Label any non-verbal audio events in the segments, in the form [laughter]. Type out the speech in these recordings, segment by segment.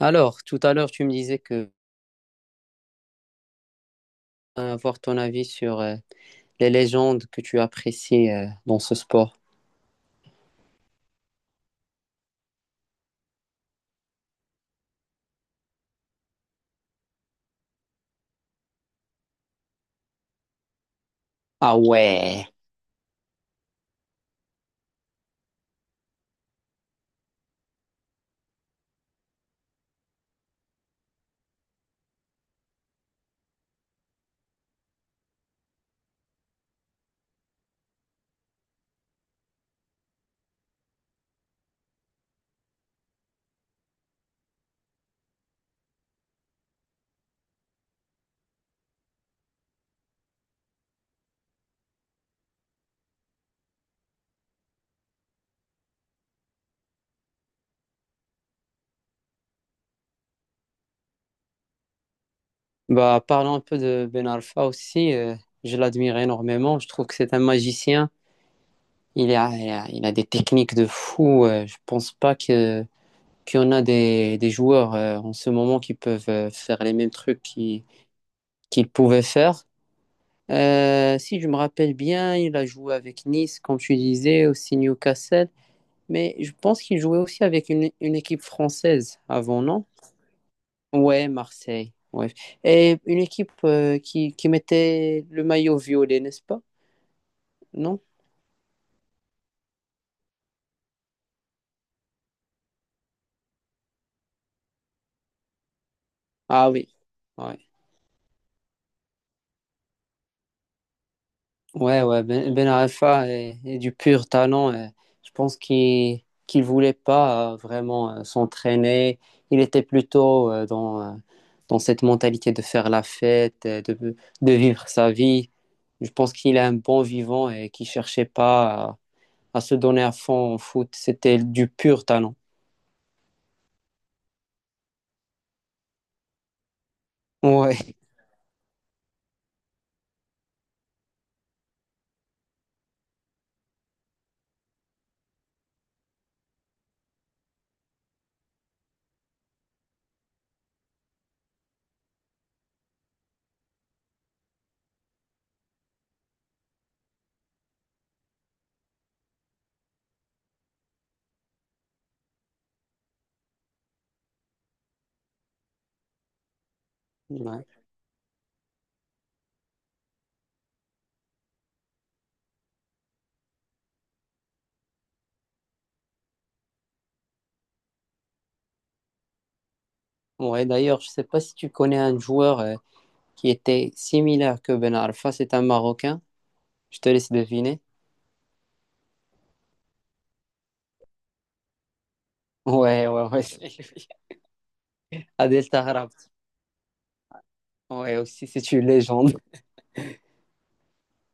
Alors, tout à l'heure, tu me disais que avoir ton avis sur les légendes que tu apprécies dans ce sport. Ah ouais. Bah, parlons un peu de Ben Arfa aussi. Je l'admire énormément. Je trouve que c'est un magicien. Il a des techniques de fou. Je pense pas que qu'il y en a des joueurs en ce moment qui peuvent faire les mêmes trucs qu'il pouvait faire. Si je me rappelle bien, il a joué avec Nice, comme tu disais, aussi Newcastle. Mais je pense qu'il jouait aussi avec une équipe française avant, non? Ouais, Marseille. Ouais. Et une équipe qui mettait le maillot violet, n'est-ce pas? Non? Ah oui. Ouais, ouais, ouais. Ben Arfa est du pur talent. Et je pense qu'il voulait pas vraiment s'entraîner. Il était plutôt dans cette mentalité de faire la fête, de vivre sa vie. Je pense qu'il est un bon vivant et qu'il cherchait pas à se donner à fond au foot. C'était du pur talent. Ouais, ouais. Ouais, d'ailleurs, je sais pas si tu connais un joueur qui était similaire que Ben Arfa, c'est un Marocain. Je te laisse deviner. Ouais, ouais, ouais, [laughs] c'est lui. Adel Taarabt. Ouais, aussi, c'est une légende.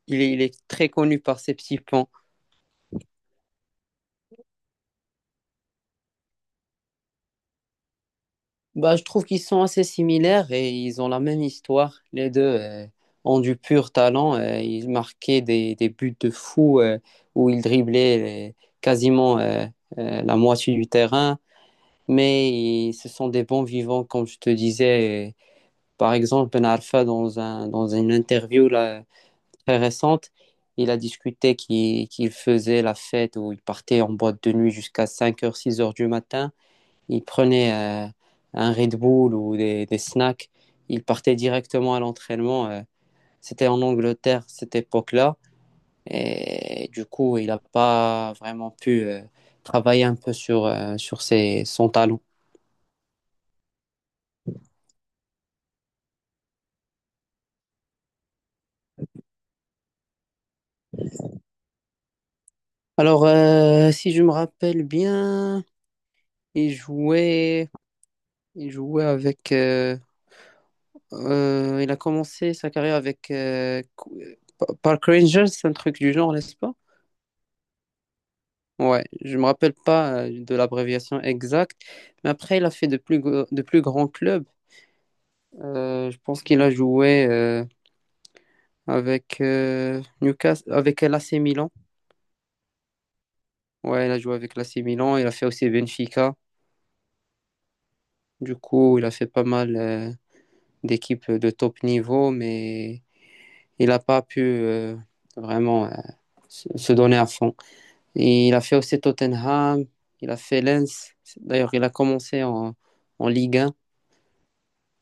Il est très connu par ses petits ponts. Bah, je trouve qu'ils sont assez similaires et ils ont la même histoire. Les deux ont du pur talent. Ils marquaient des buts de fou où ils driblaient quasiment la moitié du terrain. Mais ce sont des bons vivants, comme je te disais. Et par exemple, Ben Arfa, dans une interview là, très récente, il a discuté qu'il faisait la fête où il partait en boîte de nuit jusqu'à cinq heures six heures du matin. Ils prenaient un Red Bull ou des snacks, ils partaient directement à l'entraînement. C'était en Angleterre, cette époque-là. Et du coup, il n'a pas vraiment pu travailler un peu sur ses, son talent. Alors, si je me rappelle bien, il jouait, il jouait avec. Il a commencé sa carrière avec Park Rangers, un truc du genre, n'est-ce pas? Ouais, je me rappelle pas de l'abréviation exacte, mais après il a fait de plus grands clubs. Je pense qu'il a joué avec Newcastle, avec l'AC Milan. Ouais, il a joué avec l'AC Milan. Il a fait aussi Benfica. Du coup, il a fait pas mal d'équipes de top niveau, mais il n'a pas pu vraiment se donner à fond. Et il a fait aussi Tottenham. Il a fait Lens. D'ailleurs, il a commencé en Ligue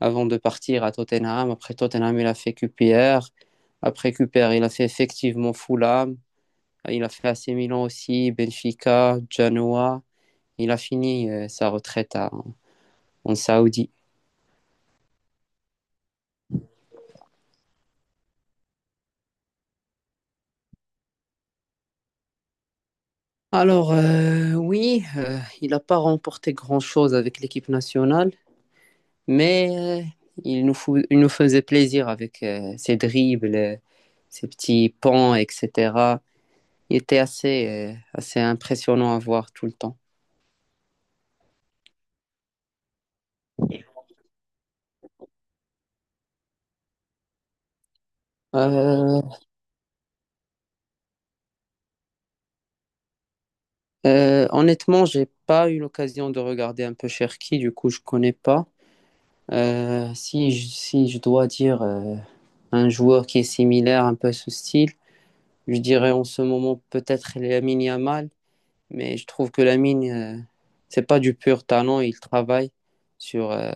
avant de partir à Tottenham. Après Tottenham, il a fait QPR. Après QPR, il a fait effectivement Fulham. Il a fait AC Milan aussi, Benfica, Genoa. Il a fini sa retraite en Saoudi. Alors, oui, il n'a pas remporté grand-chose avec l'équipe nationale, mais il nous faisait plaisir avec ses dribbles, ses petits pans, etc. Il était assez impressionnant à voir tout le temps. Euh, Honnêtement, j'ai pas eu l'occasion de regarder un peu Cherki, du coup, je connais pas. Si je dois dire un joueur qui est similaire, un peu à ce style, je dirais en ce moment peut-être Lamine Yamal, mais je trouve que Lamine, c'est pas du pur talent, il travaille sur, euh,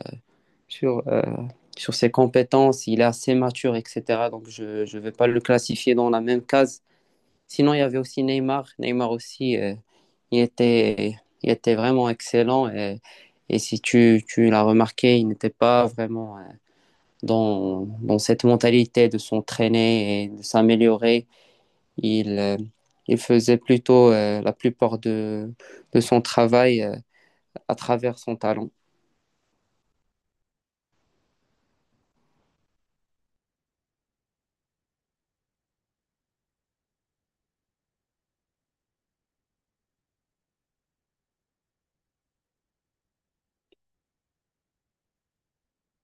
sur, euh, sur ses compétences, il est assez mature, etc. Donc je ne vais pas le classifier dans la même case. Sinon, il y avait aussi Neymar. Neymar aussi, il était, il était vraiment excellent. Et si tu l'as remarqué, il n'était pas vraiment dans cette mentalité de s'entraîner et de s'améliorer. Il, euh, il faisait plutôt la plupart de son travail à travers son talent.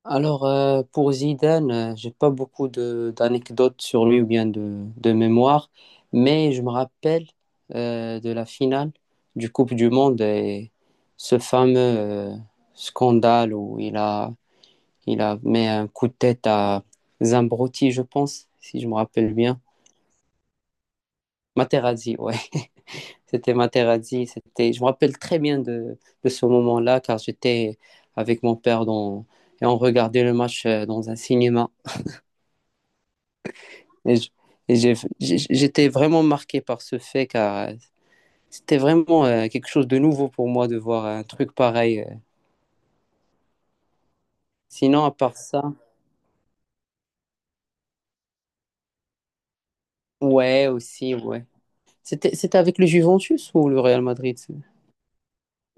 Alors, pour Zidane, j'ai pas beaucoup de d'anecdotes sur lui ou bien de mémoire, mais je me rappelle de la finale du Coupe du Monde et ce fameux scandale où il a mis un coup de tête à Zambrotti, je pense, si je me rappelle bien. Materazzi, ouais, [laughs] c'était Materazzi. C'était, je me rappelle très bien de ce moment-là car j'étais avec mon père, et on regardait le match dans un cinéma. Et je- et j'ai- j'ai, j'étais vraiment marqué par ce fait car c'était vraiment quelque chose de nouveau pour moi de voir un truc pareil. Sinon, à part ça, ouais, aussi, ouais. C'était avec le Juventus ou le Real Madrid? Ça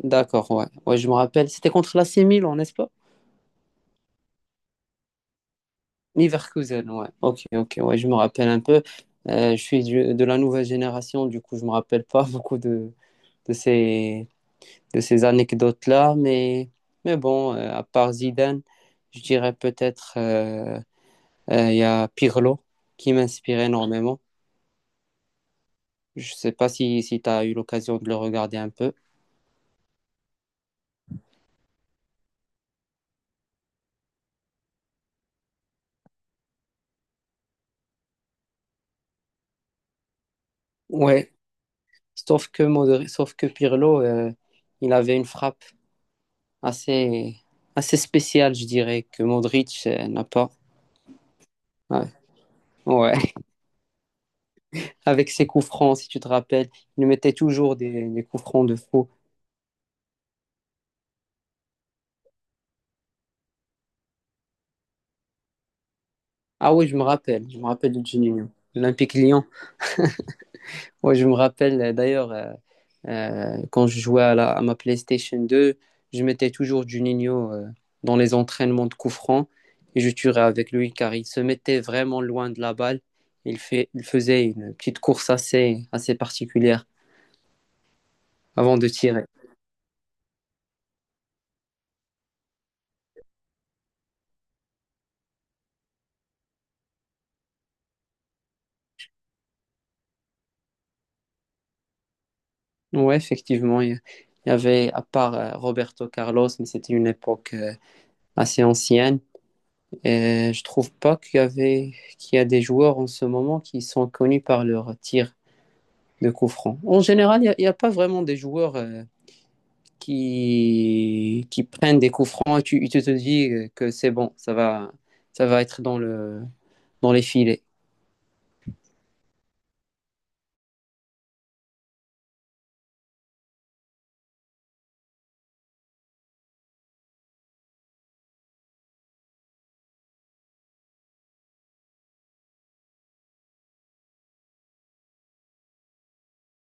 D'accord, ouais. Ouais, je me rappelle. C'était contre l'AC Milan, n'est-ce pas? Leverkusen, ouais. Ok, ok, ouais, je me rappelle un peu. Je suis de la nouvelle génération, du coup, je me rappelle pas [laughs] beaucoup de ces, de ces anecdotes-là. Mais bon, à part Zidane, je dirais peut-être il y a Pirlo qui m'inspire énormément. Je sais pas si, si tu as eu l'occasion de le regarder un peu. Ouais, sauf que, sauf que Pirlo, il avait une frappe assez, assez spéciale, je dirais, que Modric n'a pas. Ouais. Ouais. [laughs] Avec ses coups francs, si tu te rappelles, il mettait toujours des coups francs de fou. Ah oui, je me rappelle de Juninho, l'Olympique Lyon. [laughs] Ouais, je me rappelle d'ailleurs, quand je jouais à ma PlayStation 2, je mettais toujours Juninho dans les entraînements de coup franc et je tirais avec lui car il se mettait vraiment loin de la balle. Il faisait une petite course assez particulière avant de tirer. Ouais, effectivement, il y avait à part Roberto Carlos, mais c'était une époque assez ancienne. Et je trouve pas qu'il y a des joueurs en ce moment qui sont connus par leur tir de coups francs. En général, a pas vraiment des joueurs qui prennent des coups francs et tu te dis que c'est bon, ça va être dans le, dans les filets.